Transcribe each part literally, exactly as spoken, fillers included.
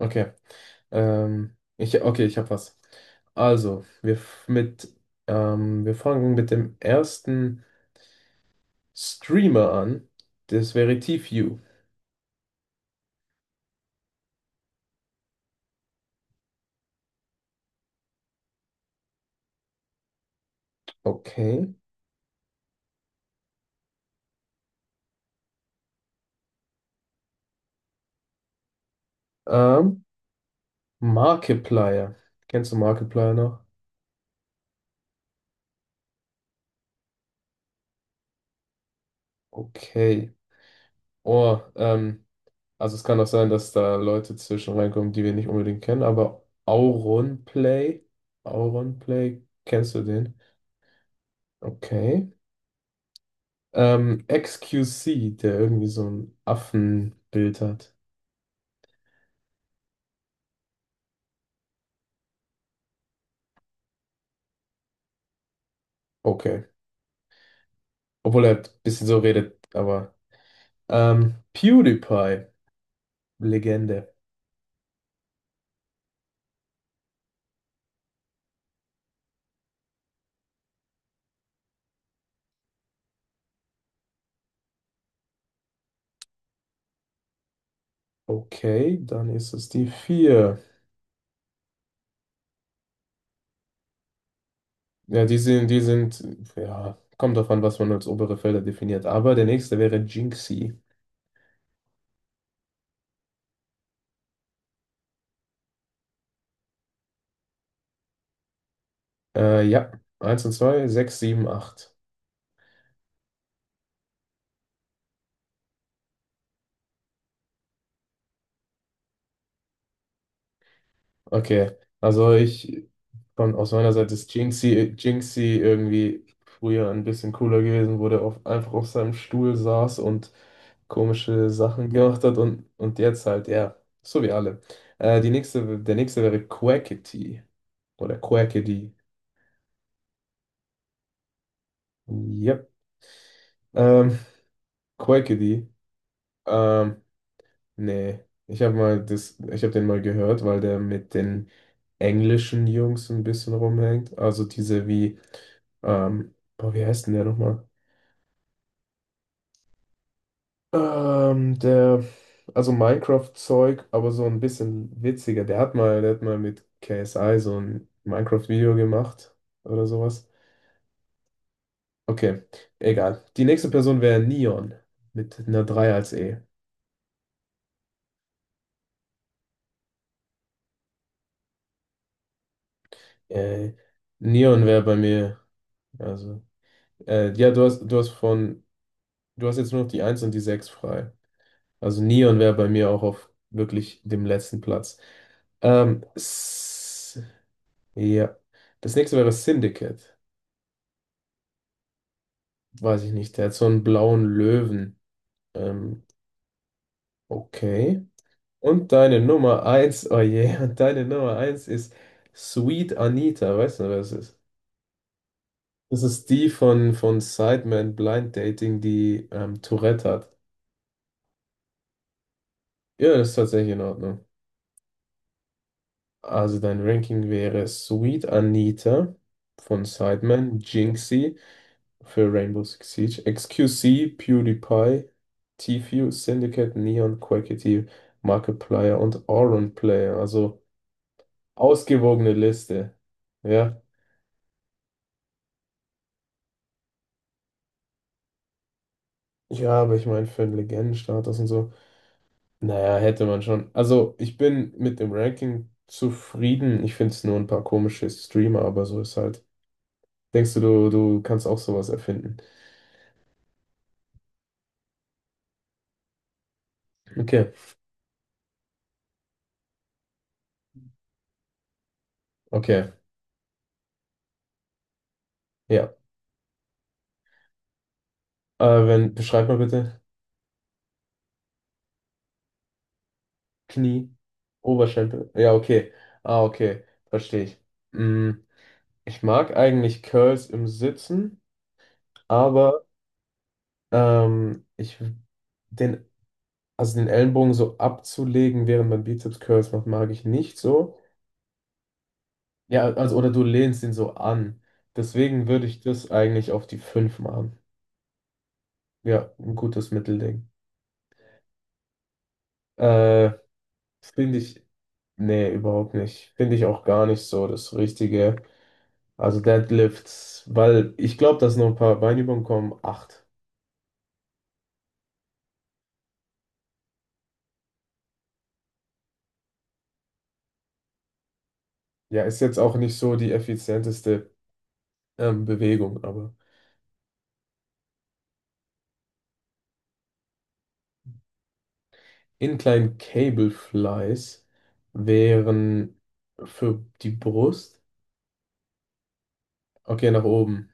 Okay. Ähm, ich, okay, ich habe was. Also, wir, f- mit, ähm, wir fangen mit dem ersten Streamer an. Das wäre TFue. Okay. Ähm, Markiplier. Kennst du Markiplier noch? Okay. Oh, ähm, also es kann auch sein, dass da Leute zwischen reinkommen, die wir nicht unbedingt kennen, aber Auronplay. Auronplay, kennst du den? Okay. Ähm, X Q C, der irgendwie so ein Affenbild hat. Okay. Obwohl er ein bisschen so redet, aber. Ähm, PewDiePie, Legende. Okay, dann ist es die vier. Ja, die sind, die sind, ja, kommt drauf an, was man als obere Felder definiert. Aber der nächste wäre Jinxie. Äh, ja, eins und zwei, sechs, sieben, acht. Okay, also ich von, aus meiner Seite ist Jinxie, Jinxie irgendwie früher ein bisschen cooler gewesen, wo der auf, einfach auf seinem Stuhl saß und komische Sachen gemacht hat und, und jetzt halt, ja, so wie alle. Äh, die nächste, der nächste wäre Quackity oder Quackity. Yep. Ähm, Quackity. Ähm, nee, ich habe mal das, ich habe den mal gehört, weil der mit den englischen Jungs ein bisschen rumhängt. Also diese, wie, ähm, boah, wie heißt denn der nochmal? Ähm, der, also Minecraft-Zeug, aber so ein bisschen witziger. Der hat mal, der hat mal mit K S I so ein Minecraft-Video gemacht oder sowas. Okay, egal. Die nächste Person wäre Neon mit einer drei als E. Äh, Neon wäre bei mir, also, äh, ja, du hast, du hast von, du hast jetzt nur noch die eins und die sechs frei. Also Neon wäre bei mir auch auf wirklich dem letzten Platz. Ähm, S ja. Das nächste wäre Syndicate. Weiß ich nicht, der hat so einen blauen Löwen. Ähm, okay. Und deine Nummer eins, oh je, und deine Nummer eins ist Sweet Anita, weißt du, wer das ist? Das ist die von, von Sideman Blind Dating, die ähm, Tourette hat. Ja, das ist tatsächlich in Ordnung. Also dein Ranking wäre Sweet Anita von Sideman, Jinxie, für Rainbow Six Siege, X Q C, PewDiePie, Tfue, Syndicate, Neon, Quackity, Markiplier und Auron Player. Also ausgewogene Liste. Ja. Ja, aber ich meine, für einen Legendenstatus und so. Naja, hätte man schon. Also, ich bin mit dem Ranking zufrieden. Ich finde es nur ein paar komische Streamer, aber so ist halt. Denkst du, du, du kannst auch sowas erfinden? Okay, okay, ja. Äh, wenn, beschreib mal bitte. Knie, Oberschenkel. Ja, okay. Ah, okay. Verstehe ich. Mm, ich mag eigentlich Curls im Sitzen, aber ähm, ich den, also den Ellenbogen so abzulegen, während man Bizeps Curls macht, mag ich nicht so. Ja, also oder du lehnst ihn so an. Deswegen würde ich das eigentlich auf die fünf machen. Ja, ein gutes Mittelding. Äh, finde ich, nee, überhaupt nicht. Finde ich auch gar nicht so das Richtige. Also Deadlifts, weil ich glaube, dass noch ein paar Beinübungen kommen. Acht. Ja, ist jetzt auch nicht so die effizienteste ähm, Bewegung, aber Incline Cable Flies wären für die Brust. Okay, nach oben.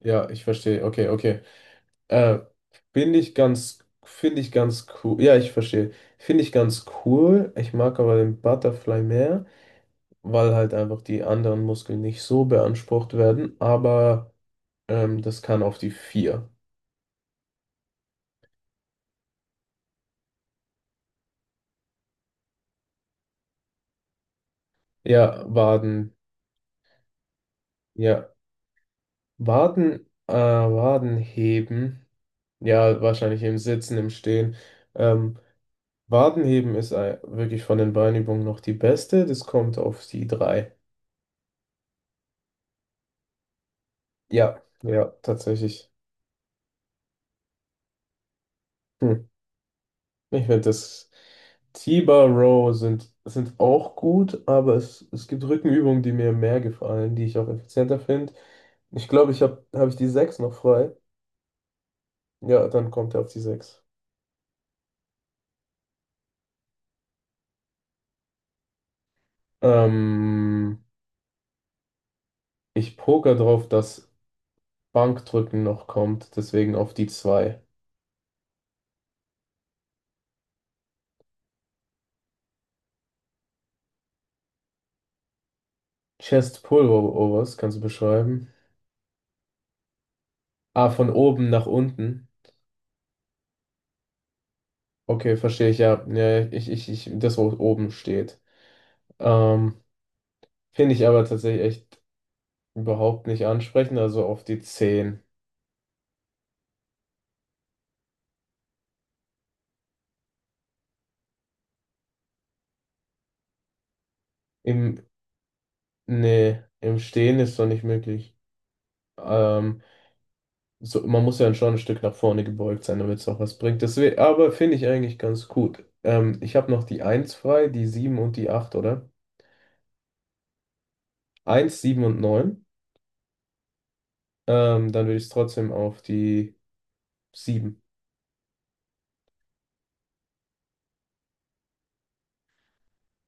Ja, ich verstehe. Okay, okay. Äh, finde ich ganz, finde ich ganz cool. Ja, ich verstehe. Finde ich ganz cool. Ich mag aber den Butterfly mehr, weil halt einfach die anderen Muskeln nicht so beansprucht werden. Aber Ähm, das kann auf die vier. Ja, Waden. Ja, Waden, äh, Waden heben. Ja, wahrscheinlich im Sitzen, im Stehen. Ähm, Waden heben ist ei- wirklich von den Beinübungen noch die beste. Das kommt auf die drei. Ja, ja, tatsächlich. Hm. Ich finde das T-Bar Row sind, sind auch gut, aber es, es gibt Rückenübungen, die mir mehr gefallen, die ich auch effizienter finde. Ich glaube, ich habe habe ich die sechs noch frei. Ja, dann kommt er auf die sechs. Ähm, ich poker drauf, dass Bankdrücken noch kommt, deswegen auf die zwei. Chest Pullovers, kannst du beschreiben? Ah, von oben nach unten. Okay, verstehe ich, ja. Ja, ich, ich, ich, das, wo oben steht. Ähm, finde ich aber tatsächlich echt überhaupt nicht ansprechend, also auf die zehn. Im, nee, im Stehen ist doch nicht möglich. Ähm, so, man muss ja schon ein Stück nach vorne gebeugt sein, damit es auch was bringt. Deswegen, aber finde ich eigentlich ganz gut. Ähm, ich habe noch die eins frei, die sieben und die acht oder? Eins, sieben und neun. Ähm, dann würde ich es trotzdem auf die sieben.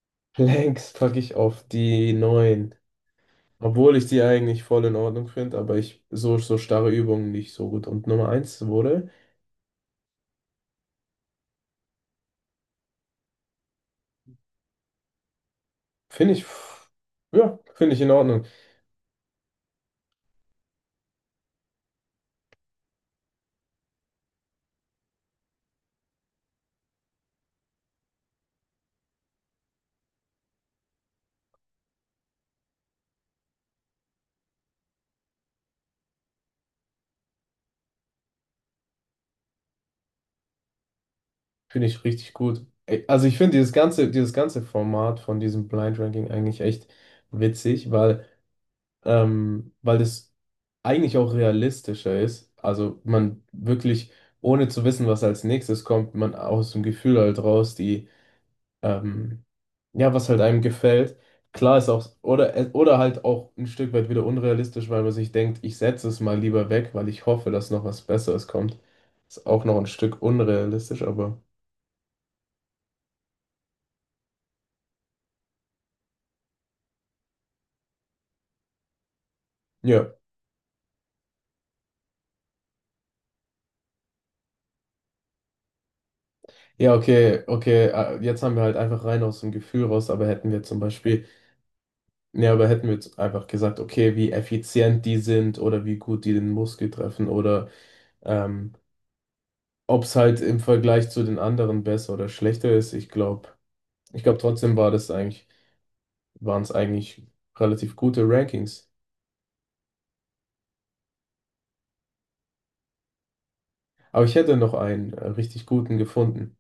Planks packe ich auf die neun. Obwohl ich die eigentlich voll in Ordnung finde, aber ich so, so starre Übungen nicht so gut. Und Nummer eins wurde, finde ich, ja, finde ich in Ordnung. Finde ich richtig gut. Ey, also ich finde dieses ganze, dieses ganze Format von diesem Blind Ranking eigentlich echt witzig, weil, ähm, weil das eigentlich auch realistischer ist. Also man wirklich, ohne zu wissen, was als nächstes kommt, man aus dem Gefühl halt raus, die, ähm, ja, was halt einem gefällt. Klar ist auch, oder, oder halt auch ein Stück weit wieder unrealistisch, weil man sich denkt, ich setze es mal lieber weg, weil ich hoffe, dass noch was Besseres kommt. Ist auch noch ein Stück unrealistisch, aber ja. Ja, okay, okay. äh, Jetzt haben wir halt einfach rein aus dem Gefühl raus, aber hätten wir zum Beispiel, nee, aber hätten wir jetzt einfach gesagt, okay, wie effizient die sind oder wie gut die den Muskel treffen oder ähm, ob es halt im Vergleich zu den anderen besser oder schlechter ist. Ich glaube, ich glaube trotzdem war das eigentlich, waren es eigentlich relativ gute Rankings. Aber ich hätte noch einen äh, richtig guten gefunden.